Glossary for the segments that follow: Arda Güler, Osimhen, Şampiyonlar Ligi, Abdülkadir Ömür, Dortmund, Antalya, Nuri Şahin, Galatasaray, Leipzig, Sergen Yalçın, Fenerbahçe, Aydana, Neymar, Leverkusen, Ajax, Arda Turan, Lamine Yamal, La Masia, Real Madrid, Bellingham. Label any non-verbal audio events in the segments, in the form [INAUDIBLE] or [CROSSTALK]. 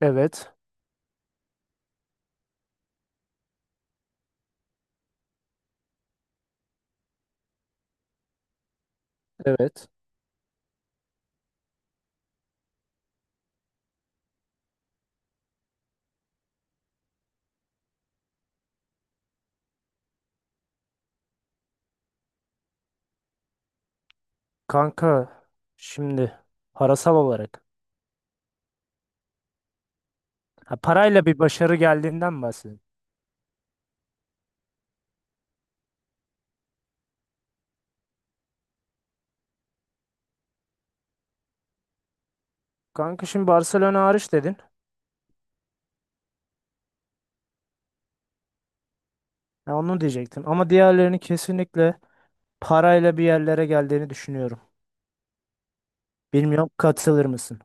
Evet, evet. Kanka şimdi parasal olarak. Ha, parayla bir başarı geldiğinden bahsedin. Kanka şimdi Barcelona hariç dedin. Ha, onu diyecektim. Ama diğerlerini kesinlikle parayla bir yerlere geldiğini düşünüyorum. Bilmiyorum katılır mısın?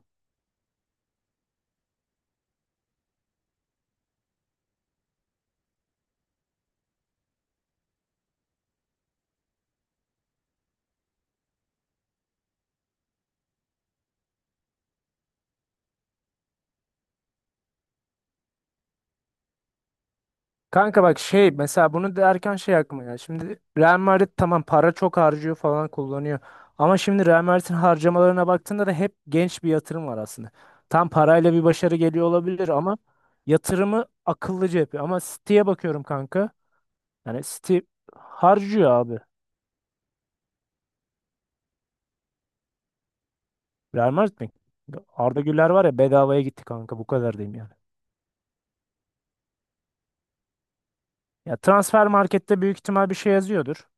Kanka bak şey mesela bunu derken şey aklıma ya. Şimdi Real Madrid tamam para çok harcıyor falan kullanıyor. Ama şimdi Real Madrid'in harcamalarına baktığında da hep genç bir yatırım var aslında. Tam parayla bir başarı geliyor olabilir ama yatırımı akıllıca yapıyor. Ama City'ye bakıyorum kanka. Yani City harcıyor abi. Real Madrid mi? Arda Güler var ya bedavaya gitti kanka bu kadar diyeyim yani. Ya transfer markette büyük ihtimal bir şey yazıyordur.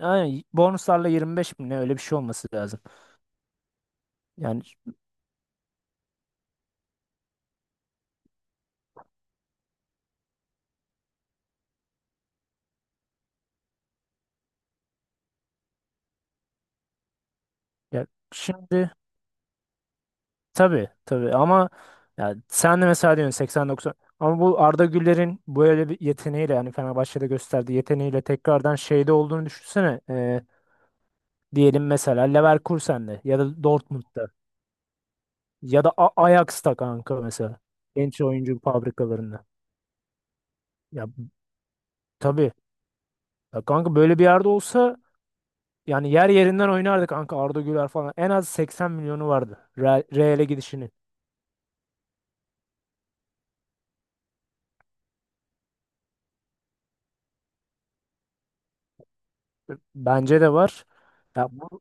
Aynen bonuslarla 25 bin ne öyle bir şey olması lazım. Yani ya şimdi tabii tabii ama ya sen de mesela diyorsun 80-90, ama bu Arda Güler'in böyle bir yeteneğiyle yani Fenerbahçe'de gösterdiği yeteneğiyle tekrardan şeyde olduğunu düşünsene. Diyelim mesela Leverkusen'de ya da Dortmund'da ya da Ajax'ta kanka mesela, genç oyuncu fabrikalarında. Ya tabii ya kanka böyle bir yerde olsa yani yer yerinden oynardı kanka, Arda Güler falan en az 80 milyonu vardı, Real'e gidişini. Bence de var. Ya bu,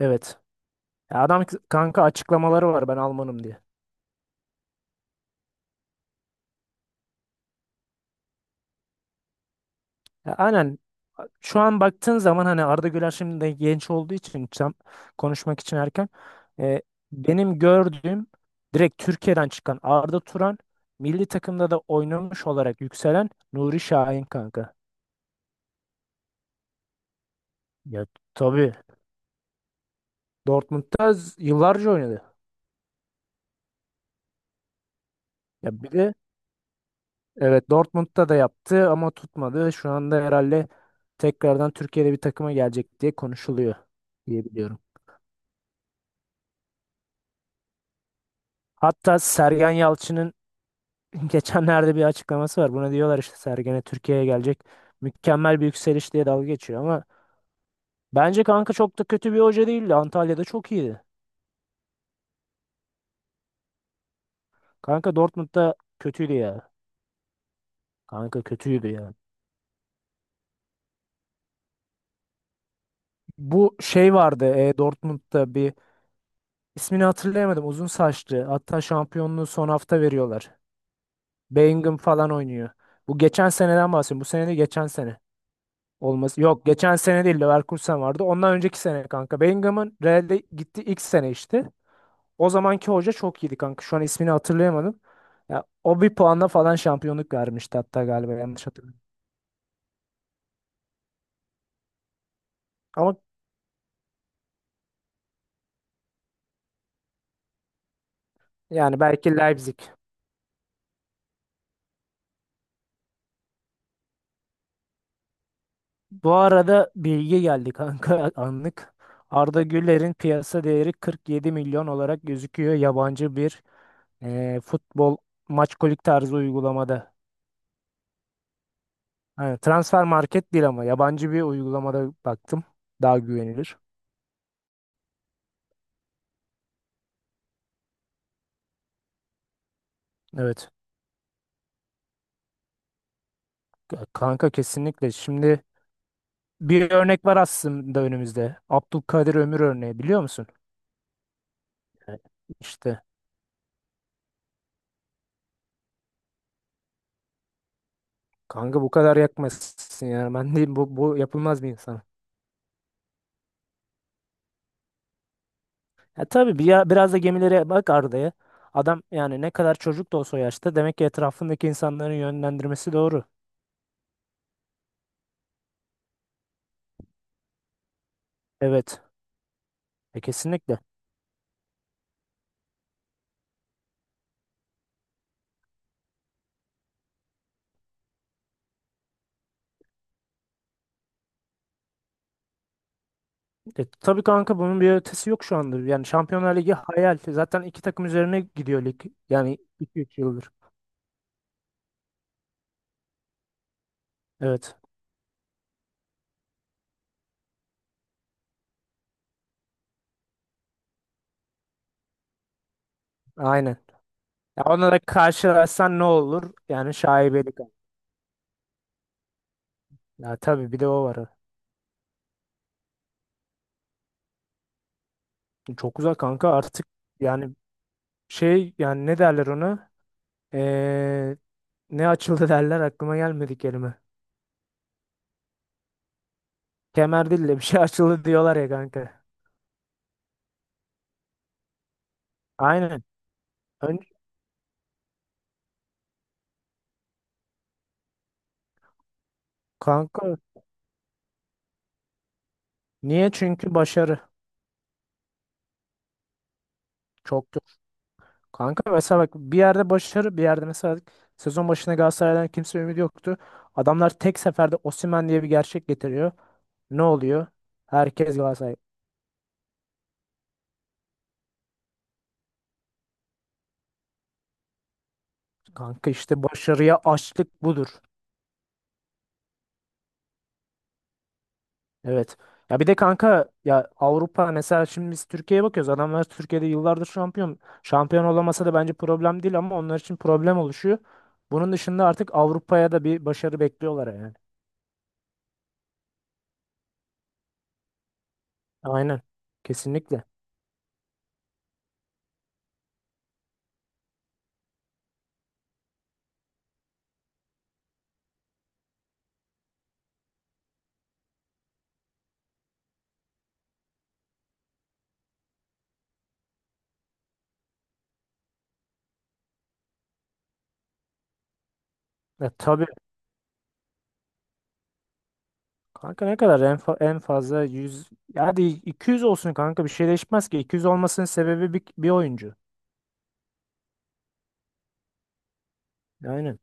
evet. Ya adam, kanka, açıklamaları var ben Almanım diye. Ya aynen, şu an baktığın zaman hani Arda Güler şimdi de genç olduğu için tam konuşmak için erken. E, Benim gördüğüm direkt Türkiye'den çıkan Arda Turan, milli takımda da oynamış olarak yükselen Nuri Şahin kanka. Ya tabii Dortmund'da yıllarca oynadı. Ya bir de evet, Dortmund'da da yaptı ama tutmadı. Şu anda herhalde tekrardan Türkiye'de bir takıma gelecek diye konuşuluyor diye biliyorum. Hatta Sergen Yalçın'ın [LAUGHS] geçenlerde bir açıklaması var. Buna diyorlar işte Sergen'e, Türkiye'ye gelecek. Mükemmel bir yükseliş diye dalga geçiyor ama bence kanka çok da kötü bir hoca değildi. Antalya'da çok iyiydi. Kanka Dortmund'da kötüydü ya. Kanka kötüydü ya. Bu şey vardı Dortmund'da, bir ismini hatırlayamadım. Uzun saçlı. Hatta şampiyonluğu son hafta veriyorlar. Bellingham falan oynuyor. Bu geçen seneden bahsediyorum. Bu sene de geçen sene olması. Yok, geçen sene değil, Leverkusen vardı. Ondan önceki sene kanka. Bellingham'ın Real'de gitti ilk sene işte. O zamanki hoca çok iyiydi kanka. Şu an ismini hatırlayamadım. Ya, o bir puanla falan şampiyonluk vermişti hatta, galiba yanlış hatırlamıyorum. Ama yani belki Leipzig. Bu arada bilgi geldi kanka [LAUGHS] anlık. Arda Güler'in piyasa değeri 47 milyon olarak gözüküyor, yabancı bir futbol maç kolik tarzı uygulamada. Evet, transfer market değil ama yabancı bir uygulamada baktım. Daha güvenilir. Evet. Kanka kesinlikle. Şimdi bir örnek var aslında önümüzde. Abdülkadir Ömür örneği, biliyor musun? Evet. İşte kanka bu kadar yakmasın ya. Ben diyeyim, bu yapılmaz bir insan. Ya tabii bir ya, biraz da gemilere bak Arda'ya. Adam yani ne kadar çocuk da olsa o yaşta, demek ki etrafındaki insanların yönlendirmesi doğru. Evet. Kesinlikle. Tabii kanka, bunun bir ötesi yok şu anda. Yani Şampiyonlar Ligi hayal. Zaten iki takım üzerine gidiyor lig. Yani iki 3 yıldır. Evet. Aynen. Ya ona da karşılaşsan ne olur? Yani şaibelik. Ya tabii, bir de o var. Çok uzak kanka artık, yani şey, yani ne derler ona? Ee, Ne açıldı [LAUGHS] derler, aklıma gelmedi kelime. Kemer değil de bir şey [LAUGHS] açıldı diyorlar ya kanka. Aynen. Ön- Kanka niye? Çünkü başarı. Çok. Kanka mesela bak, bir yerde başarı, bir yerde mesela sezon başına Galatasaray'dan kimse ümidi yoktu. Adamlar tek seferde Osimhen diye bir gerçek getiriyor. Ne oluyor? Herkes Galatasaray. Kanka işte başarıya açlık budur. Evet. Ya bir de kanka ya, Avrupa mesela, şimdi biz Türkiye'ye bakıyoruz. Adamlar Türkiye'de yıllardır şampiyon. Şampiyon olamasa da bence problem değil ama onlar için problem oluşuyor. Bunun dışında artık Avrupa'ya da bir başarı bekliyorlar yani. Aynen. Kesinlikle. Ya tabii kanka, ne kadar en fazla 100, ya hadi 200 olsun kanka, bir şey değişmez ki 200 olmasının sebebi bir oyuncu. Aynen.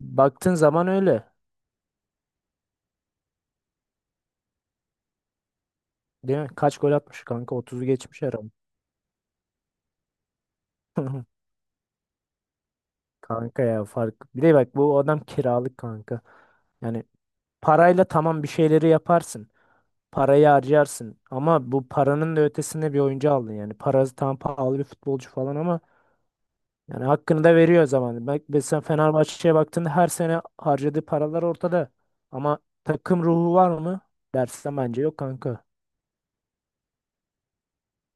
Baktığın zaman öyle. Değil mi? Kaç gol atmış kanka, 30'u geçmiş herhalde. [LAUGHS] Kanka ya fark. Bir de bak, bu adam kiralık kanka. Yani parayla tamam bir şeyleri yaparsın. Parayı harcarsın ama bu paranın da ötesinde bir oyuncu aldın yani. Parası tam pahalı bir futbolcu falan ama, yani hakkını da veriyor zaman. Bak mesela Fenerbahçe'ye baktığında her sene harcadığı paralar ortada. Ama takım ruhu var mı? Dersen bence yok kanka.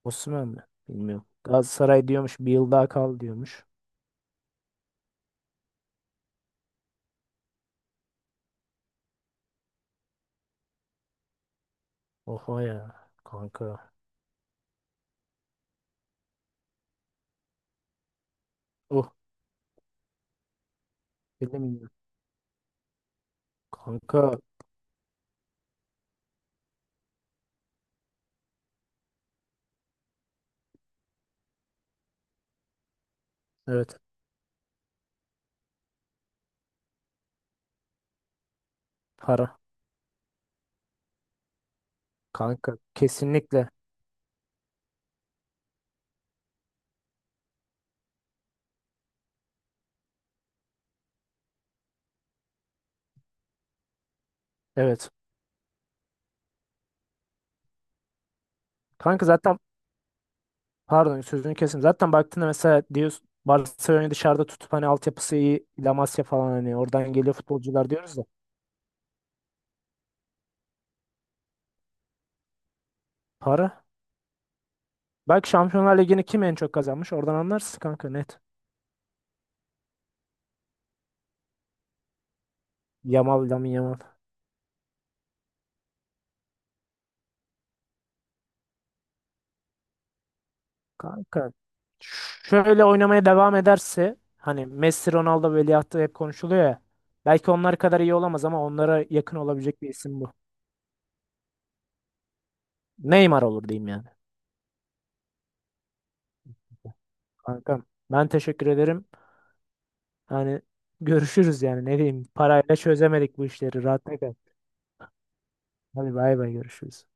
Osman mı? Bilmiyorum. Galatasaray diyormuş bir yıl daha kal diyormuş. Oha ya kanka. Oh, bilmiyorum. Kanka evet, para. Kanka kesinlikle evet. Kanka zaten, pardon sözünü kesin. Zaten baktığında mesela, diyorsun Barcelona'yı dışarıda tutup hani altyapısı iyi, La Masia falan, hani oradan geliyor futbolcular diyoruz da. Para. Bak Şampiyonlar Ligi'ni kim en çok kazanmış? Oradan anlarsın kanka, net. Yamal, Lamine Yamal. Kanka şöyle oynamaya devam ederse, hani Messi, Ronaldo veliahtı hep konuşuluyor ya. Belki onlar kadar iyi olamaz ama onlara yakın olabilecek bir isim bu. Neymar olur diyeyim yani. Kankam, ben teşekkür ederim. Hani görüşürüz yani, ne diyeyim. Parayla çözemedik bu işleri. Rahatına kal. Hadi bay bay, görüşürüz.